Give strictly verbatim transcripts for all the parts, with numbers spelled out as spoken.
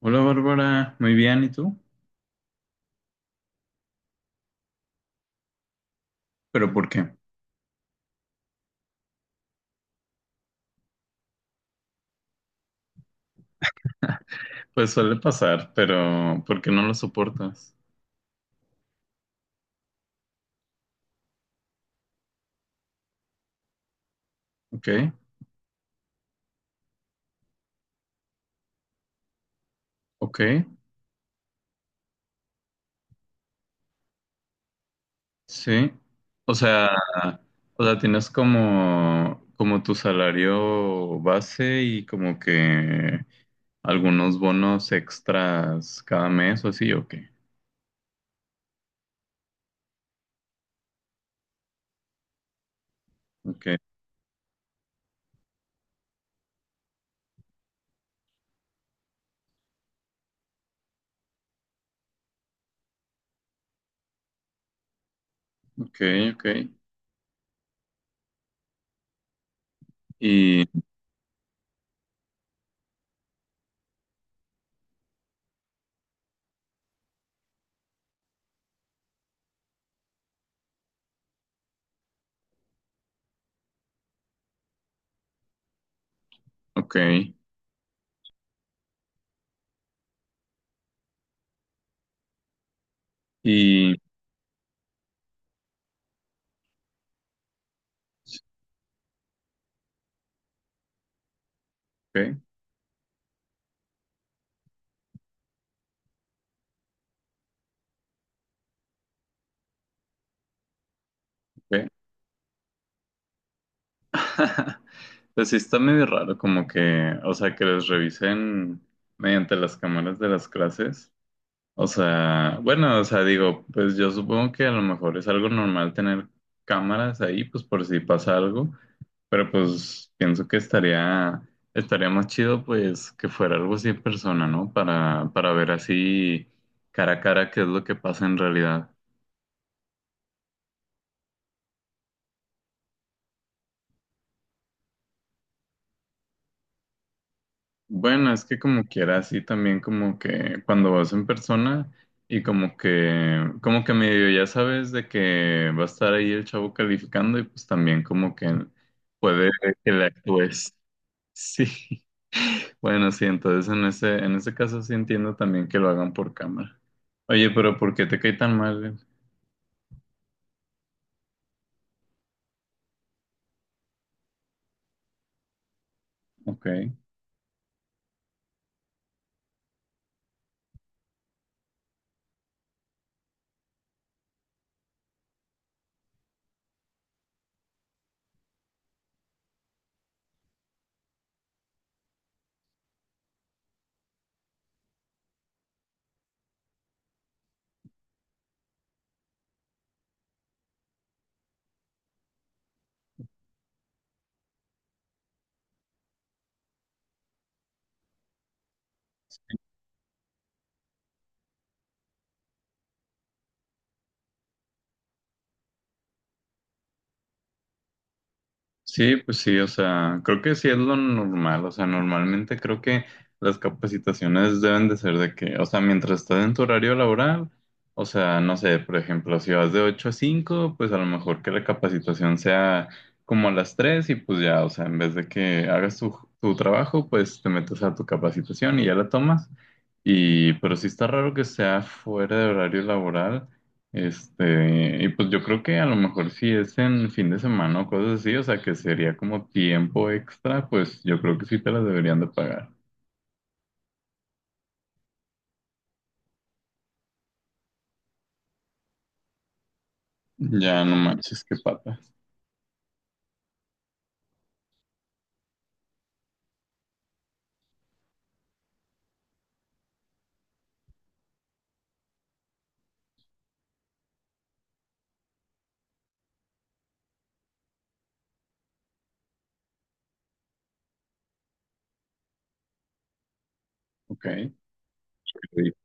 Hola Bárbara, muy bien, ¿y tú? ¿Pero por qué? Pues suele pasar, pero ¿por qué no lo soportas? Ok, ok, sí. O sea, o sea, tienes como, como tu salario base y como que algunos bonos extras cada mes o así, ok. Ok, ok, ok. Y, ok, y, ok, ok. Pues sí está medio raro como que, o sea, que les revisen mediante las cámaras de las clases. O sea, bueno, o sea, digo, pues yo supongo que a lo mejor es algo normal tener cámaras ahí, pues por si pasa algo, pero pues pienso que estaría, estaría más chido pues que fuera algo así en persona, ¿no? Para, para ver así cara a cara qué es lo que pasa en realidad. Bueno, es que como quiera, así también como que cuando vas en persona y como que, como que medio ya sabes de que va a estar ahí el chavo calificando y pues también como que puede que le actúes. Sí, bueno, sí, entonces en ese, en ese caso sí entiendo también que lo hagan por cámara. Oye, pero ¿por qué te cae tan mal? Ok. Sí, pues sí, o sea, creo que sí es lo normal, o sea, normalmente creo que las capacitaciones deben de ser de que, o sea, mientras estás en tu horario laboral, o sea, no sé, por ejemplo, si vas de ocho a cinco, pues a lo mejor que la capacitación sea como a las tres y pues ya, o sea, en vez de que hagas tu, tu trabajo, pues te metes a tu capacitación y ya la tomas. Y, pero sí está raro que sea fuera de horario laboral. Este, y pues yo creo que a lo mejor si es en fin de semana o cosas así, o sea que sería como tiempo extra, pues yo creo que sí te las deberían de pagar. Ya no manches, qué pata. Ok. ¿Qué le dijo?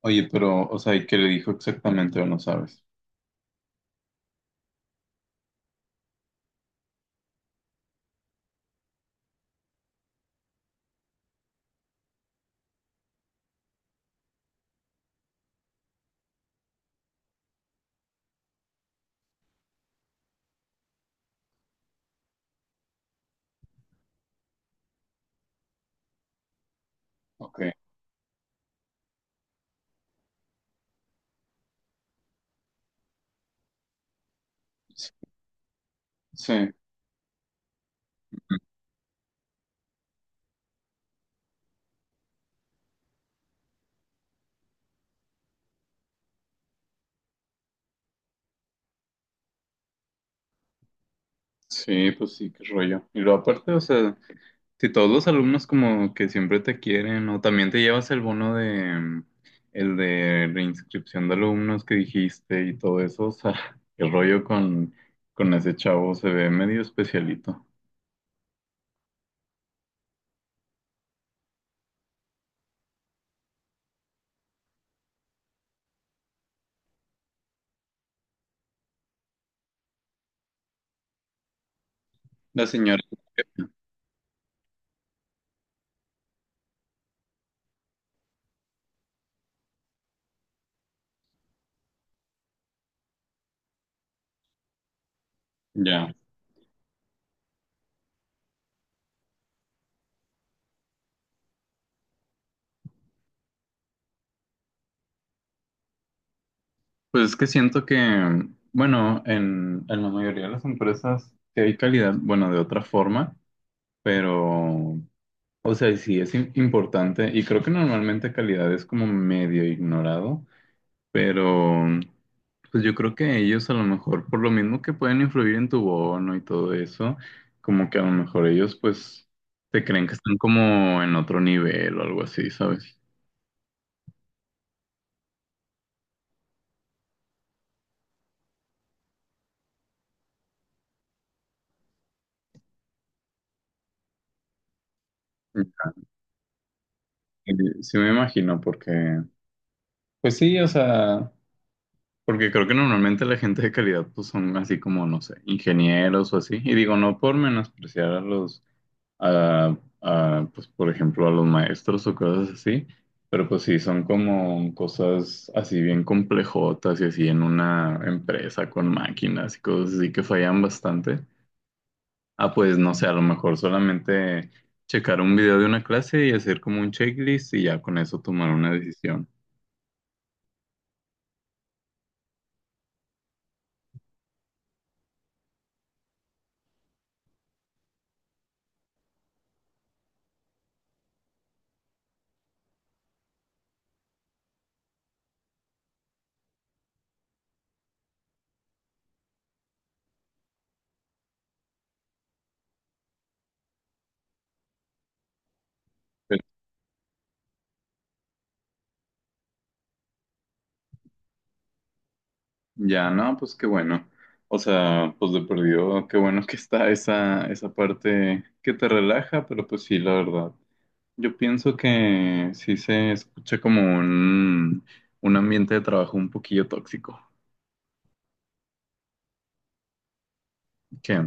Oye, pero, o sea, ¿y qué le dijo exactamente o no sabes? Ok. Sí. Sí, pues sí, qué rollo. Y luego aparte, o sea. Si todos los alumnos como que siempre te quieren, o también te llevas el bono de mm, el de reinscripción de alumnos que dijiste y todo eso, o sea, el rollo con, con ese chavo se ve medio especialito. La señora, ya. Pues es que siento que, bueno, en, en la mayoría de las empresas sí hay calidad, bueno, de otra forma, pero, o sea, sí es im- importante y creo que normalmente calidad es como medio ignorado. Pero, pues yo creo que ellos a lo mejor, por lo mismo que pueden influir en tu bono y todo eso, como que a lo mejor ellos pues te creen que están como en otro nivel o algo así, ¿sabes? Y sí me imagino, porque, pues sí, o sea, porque creo que normalmente la gente de calidad pues son así como, no sé, ingenieros o así, y digo, no por menospreciar a los a, a, pues, por ejemplo, a los maestros o cosas así, pero pues sí, son como cosas así bien complejotas y así en una empresa con máquinas y cosas así que fallan bastante. Ah, pues no sé, a lo mejor solamente checar un video de una clase y hacer como un checklist y ya con eso tomar una decisión. Pero ya, no, pues qué bueno. O sea, pues de perdido, qué bueno que está esa, esa parte que te relaja, pero pues sí, la verdad. Yo pienso que sí se escucha como un, un ambiente de trabajo un poquillo tóxico, que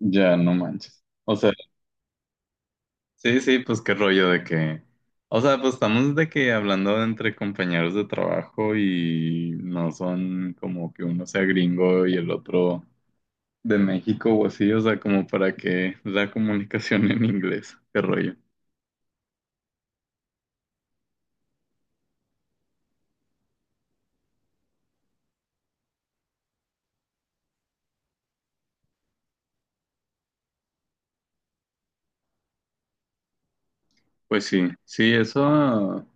ya no manches. O sea, sí, sí, pues qué rollo de que, o sea, pues estamos de que hablando entre compañeros de trabajo y no son como que uno sea gringo y el otro de México o así, o sea, como para que la comunicación en inglés, qué rollo. Pues sí, sí, eso.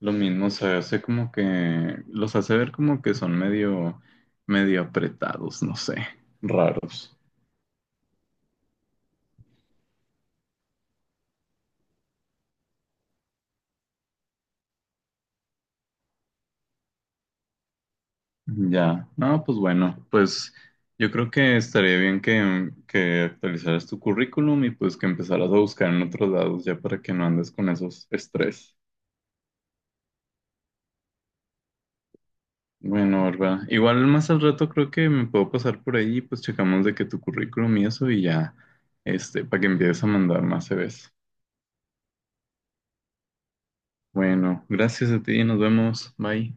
Lo mismo se hace como que los hace ver como que son medio, medio apretados, no sé, raros. Ya, no, pues bueno, pues yo creo que estaría bien que, que actualizaras tu currículum y pues que empezaras a buscar en otros lados ya para que no andes con esos estrés. Bueno, ¿verdad? Igual más al rato creo que me puedo pasar por ahí y pues checamos de que tu currículum y eso y ya, este, para que empieces a mandar más C Vs. Bueno, gracias a ti, nos vemos, bye.